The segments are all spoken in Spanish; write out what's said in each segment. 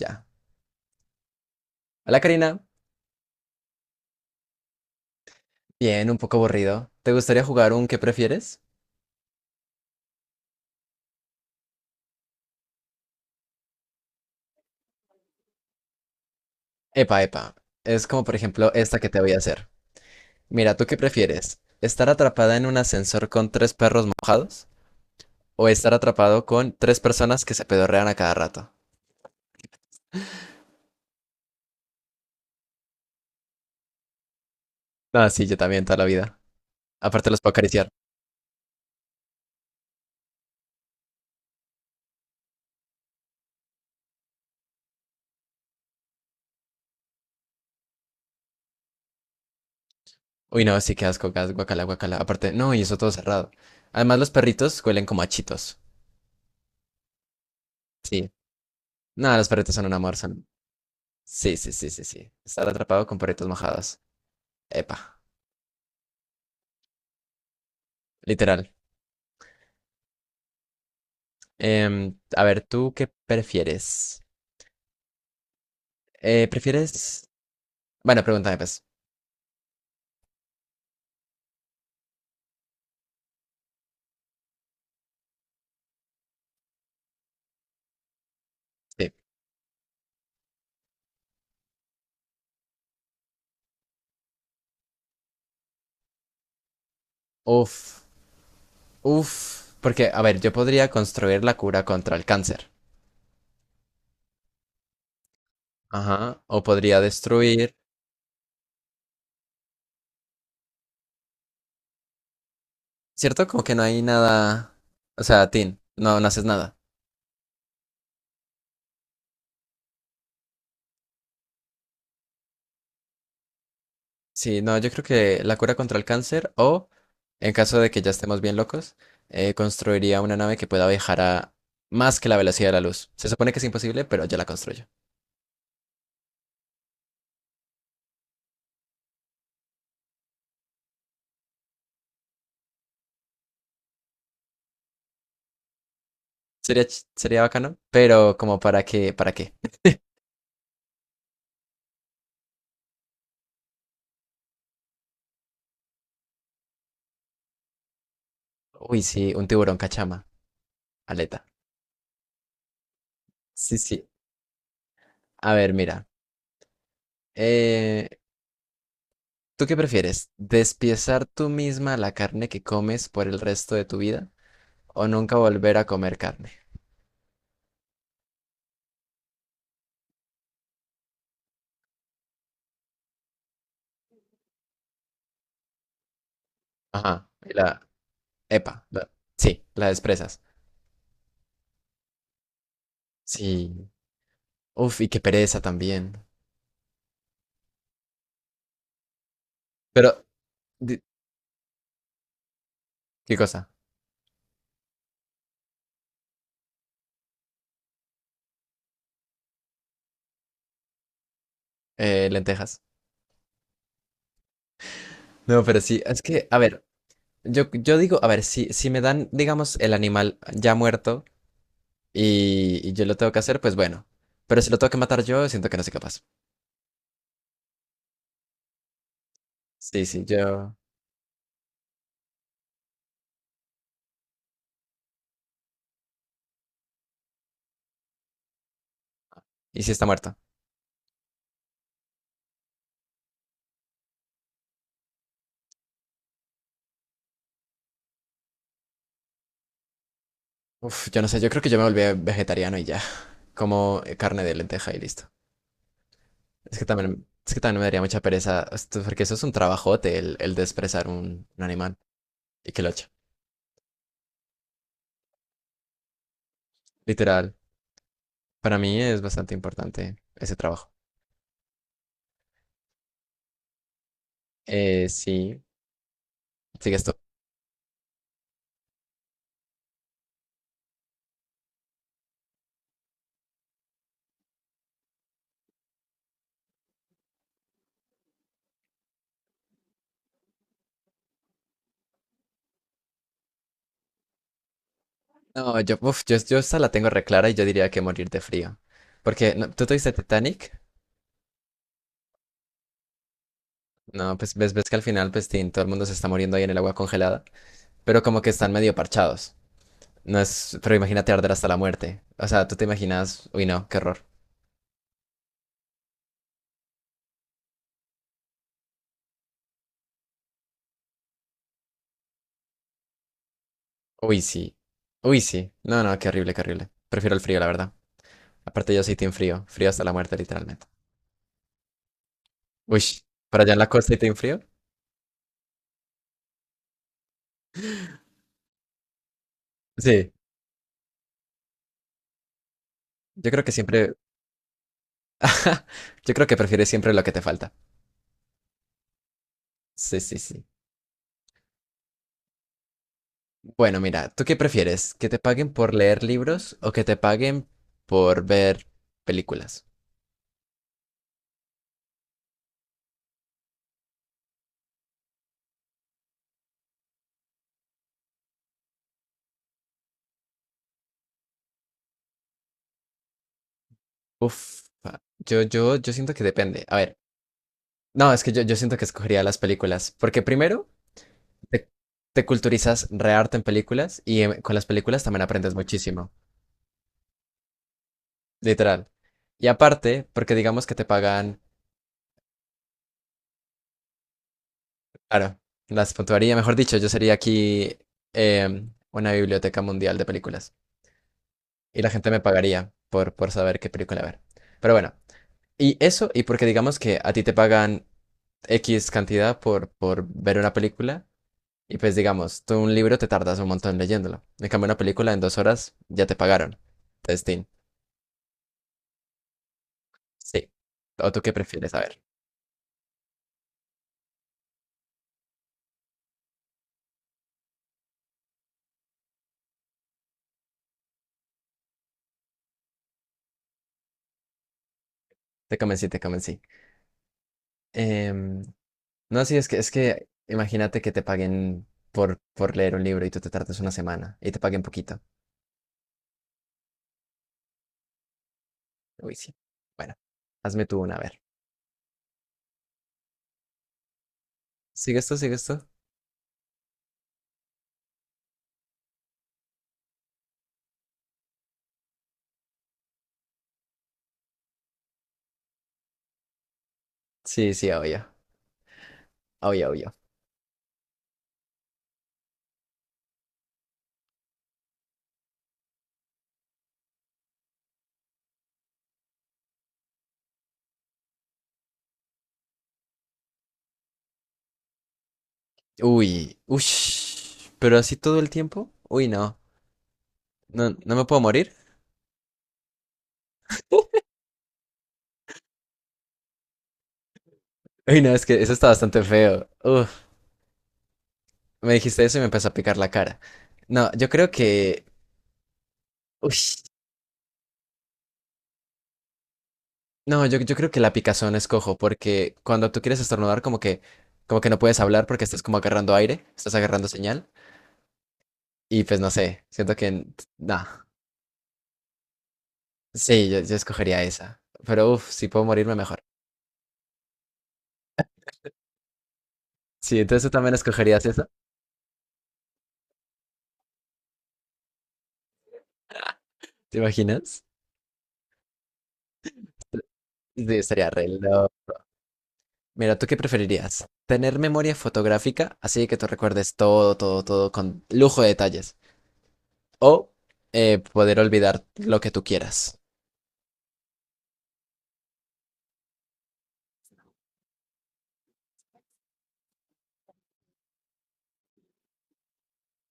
Ya. Hola Karina. Bien, un poco aburrido. ¿Te gustaría jugar un qué prefieres? Epa, epa. Es como por ejemplo esta que te voy a hacer. Mira, ¿tú qué prefieres? ¿Estar atrapada en un ascensor con tres perros mojados? ¿O estar atrapado con tres personas que se pedorrean a cada rato? Ah, sí, yo también, toda la vida. Aparte los puedo acariciar. Uy, no, sí, qué asco, gas, guacala, guacala. Aparte, no, y eso todo cerrado. Además, los perritos huelen como a chitos. Sí. No, los perritos son un amor, son... Sí, sí, sí, sí, sí. Estar atrapado con perritos mojados. Epa, literal. A ver, ¿tú qué prefieres? ¿Prefieres? Bueno, pregúntame pues. Sí. Uf, uf, porque, a ver, yo podría construir la cura contra el cáncer. Ajá. O podría destruir. ¿Cierto? Como que no hay nada. O sea, Tin, no haces nada. Sí, no, yo creo que la cura contra el cáncer o, en caso de que ya estemos bien locos, construiría una nave que pueda viajar a más que la velocidad de la luz. Se supone que es imposible, pero yo la construyo. Sería, sería bacano, pero como para qué, para qué. Uy, sí, un tiburón cachama, aleta. Sí, sí. A ver, mira. eh, ¿Tú qué prefieres? ¿Despiezar tú misma la carne que comes por el resto de tu vida o nunca volver a comer carne? Ajá. Epa, la- sí, la desprezas. Sí. Uf, y qué pereza también. Pero, di- ¿qué cosa? Lentejas. No, pero sí, es que, a ver, yo digo, a ver, si me dan, digamos, el animal ya muerto. Y yo lo tengo que hacer, pues bueno. Pero si lo tengo que matar yo, siento que no soy capaz. Sí, sí, yo. ¿Y si está muerto? Uf, yo no sé, yo creo que yo me volví vegetariano y ya. Como carne de lenteja y listo. Es que también me daría mucha pereza, porque eso es un trabajote, el desprezar un animal y que lo eche. Literal, para mí es bastante importante ese trabajo. Sí, sigue esto. No, yo, uf, yo esta la tengo reclara y yo diría que morir de frío. Porque, no, ¿tú te viste Titanic? No, pues ves, ves que al final, pues tin, todo el mundo se está muriendo ahí en el agua congelada, pero como que están medio parchados. No es, pero imagínate arder hasta la muerte. O sea, tú te imaginas, uy, no, qué horror. Uy, sí. Uy, sí. No, no, qué horrible, qué horrible. Prefiero el frío, la verdad. Aparte, yo soy team frío, frío hasta la muerte, literalmente. Uy, ¿para allá en la costa y team frío? Sí. Yo creo que siempre, yo creo que prefieres siempre lo que te falta. Sí, sí, sí. Bueno, mira, ¿tú qué prefieres? ¿Que te paguen por leer libros o que te paguen por ver películas? Uf, yo siento que depende. A ver, no, es que yo siento que escogería las películas, porque primero te, te culturizas re harto en películas y con las películas también aprendes muchísimo, literal. Y aparte, porque digamos que te pagan, claro, las puntuaría, mejor dicho, yo sería aquí una biblioteca mundial de películas y la gente me pagaría por saber qué película ver. Pero bueno, y eso, y porque digamos que a ti te pagan X cantidad por ver una película. Y pues digamos, tú un libro te tardas un montón leyéndolo. En cambio, una película en dos horas ya te pagaron. Testing Sí. ¿O tú qué prefieres? A ver. Te convencí, te convencí. Em, no, sí, es que imagínate que te paguen por leer un libro y tú te tardas una semana y te paguen poquito. Uy, sí. Bueno, hazme tú una, a ver. ¿Sigue esto? ¿Sigue esto? Sí, sí, obvio. Obvio, obvio. Uy, ush. Pero así todo el tiempo. Uy, no. No, no me puedo morir. Uy, no, es que eso está bastante feo. Uf. Me dijiste eso y me empezó a picar la cara. No, yo creo que... Uy, no, yo creo que la picazón es cojo, porque cuando tú quieres estornudar, como que no puedes hablar porque estás como agarrando aire, estás agarrando señal, y pues no sé, siento que... No, sí, yo escogería esa. Pero uff, si puedo morirme mejor. Sí, entonces tú también escogerías esa, ¿te imaginas? Sí, estaría re loco. Mira, ¿tú qué preferirías? ¿Tener memoria fotográfica, así que tú recuerdes todo, todo, todo con lujo de detalles? O poder olvidar lo que tú quieras.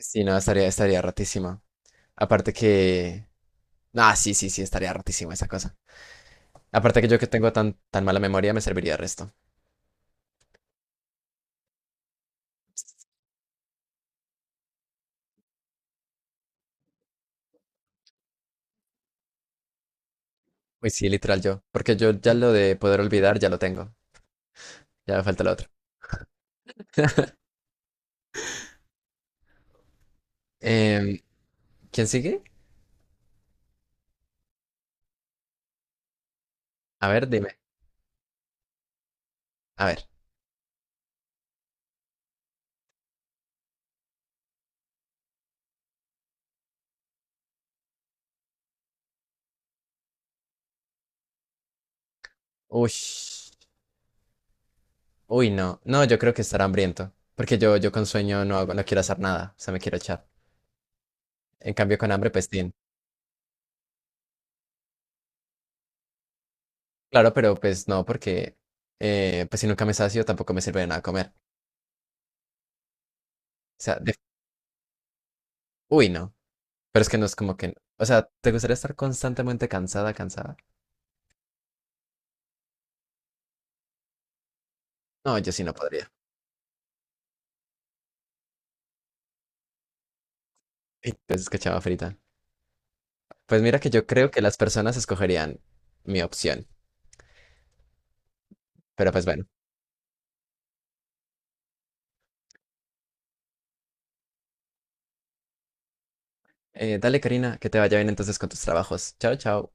Si no, estaría, estaría ratísima. Aparte que... Ah, sí, sí, sí, estaría ratísima esa cosa. Aparte que yo que tengo tan mala memoria me serviría el resto. Uy, sí, literal yo. Porque yo ya lo de poder olvidar ya lo tengo. Ya me falta lo otro. Em, ¿quién sigue? A ver, dime. A ver. Uy. Uy, no. No, yo creo que estará hambriento. Porque yo con sueño no hago, no quiero hacer nada. O sea, me quiero echar. En cambio, con hambre, pues sí, claro, pero pues no, porque pues si nunca me sacio tampoco me sirve de nada comer. O sea, uy, no. Pero es que no es como que, o sea, ¿te gustaría estar constantemente cansada, cansada? No, yo sí no podría. Entonces, qué chava frita. Pues mira que yo creo que las personas escogerían mi opción. Pero pues bueno. Dale, Karina, que te vaya bien entonces con tus trabajos. Chao, chao.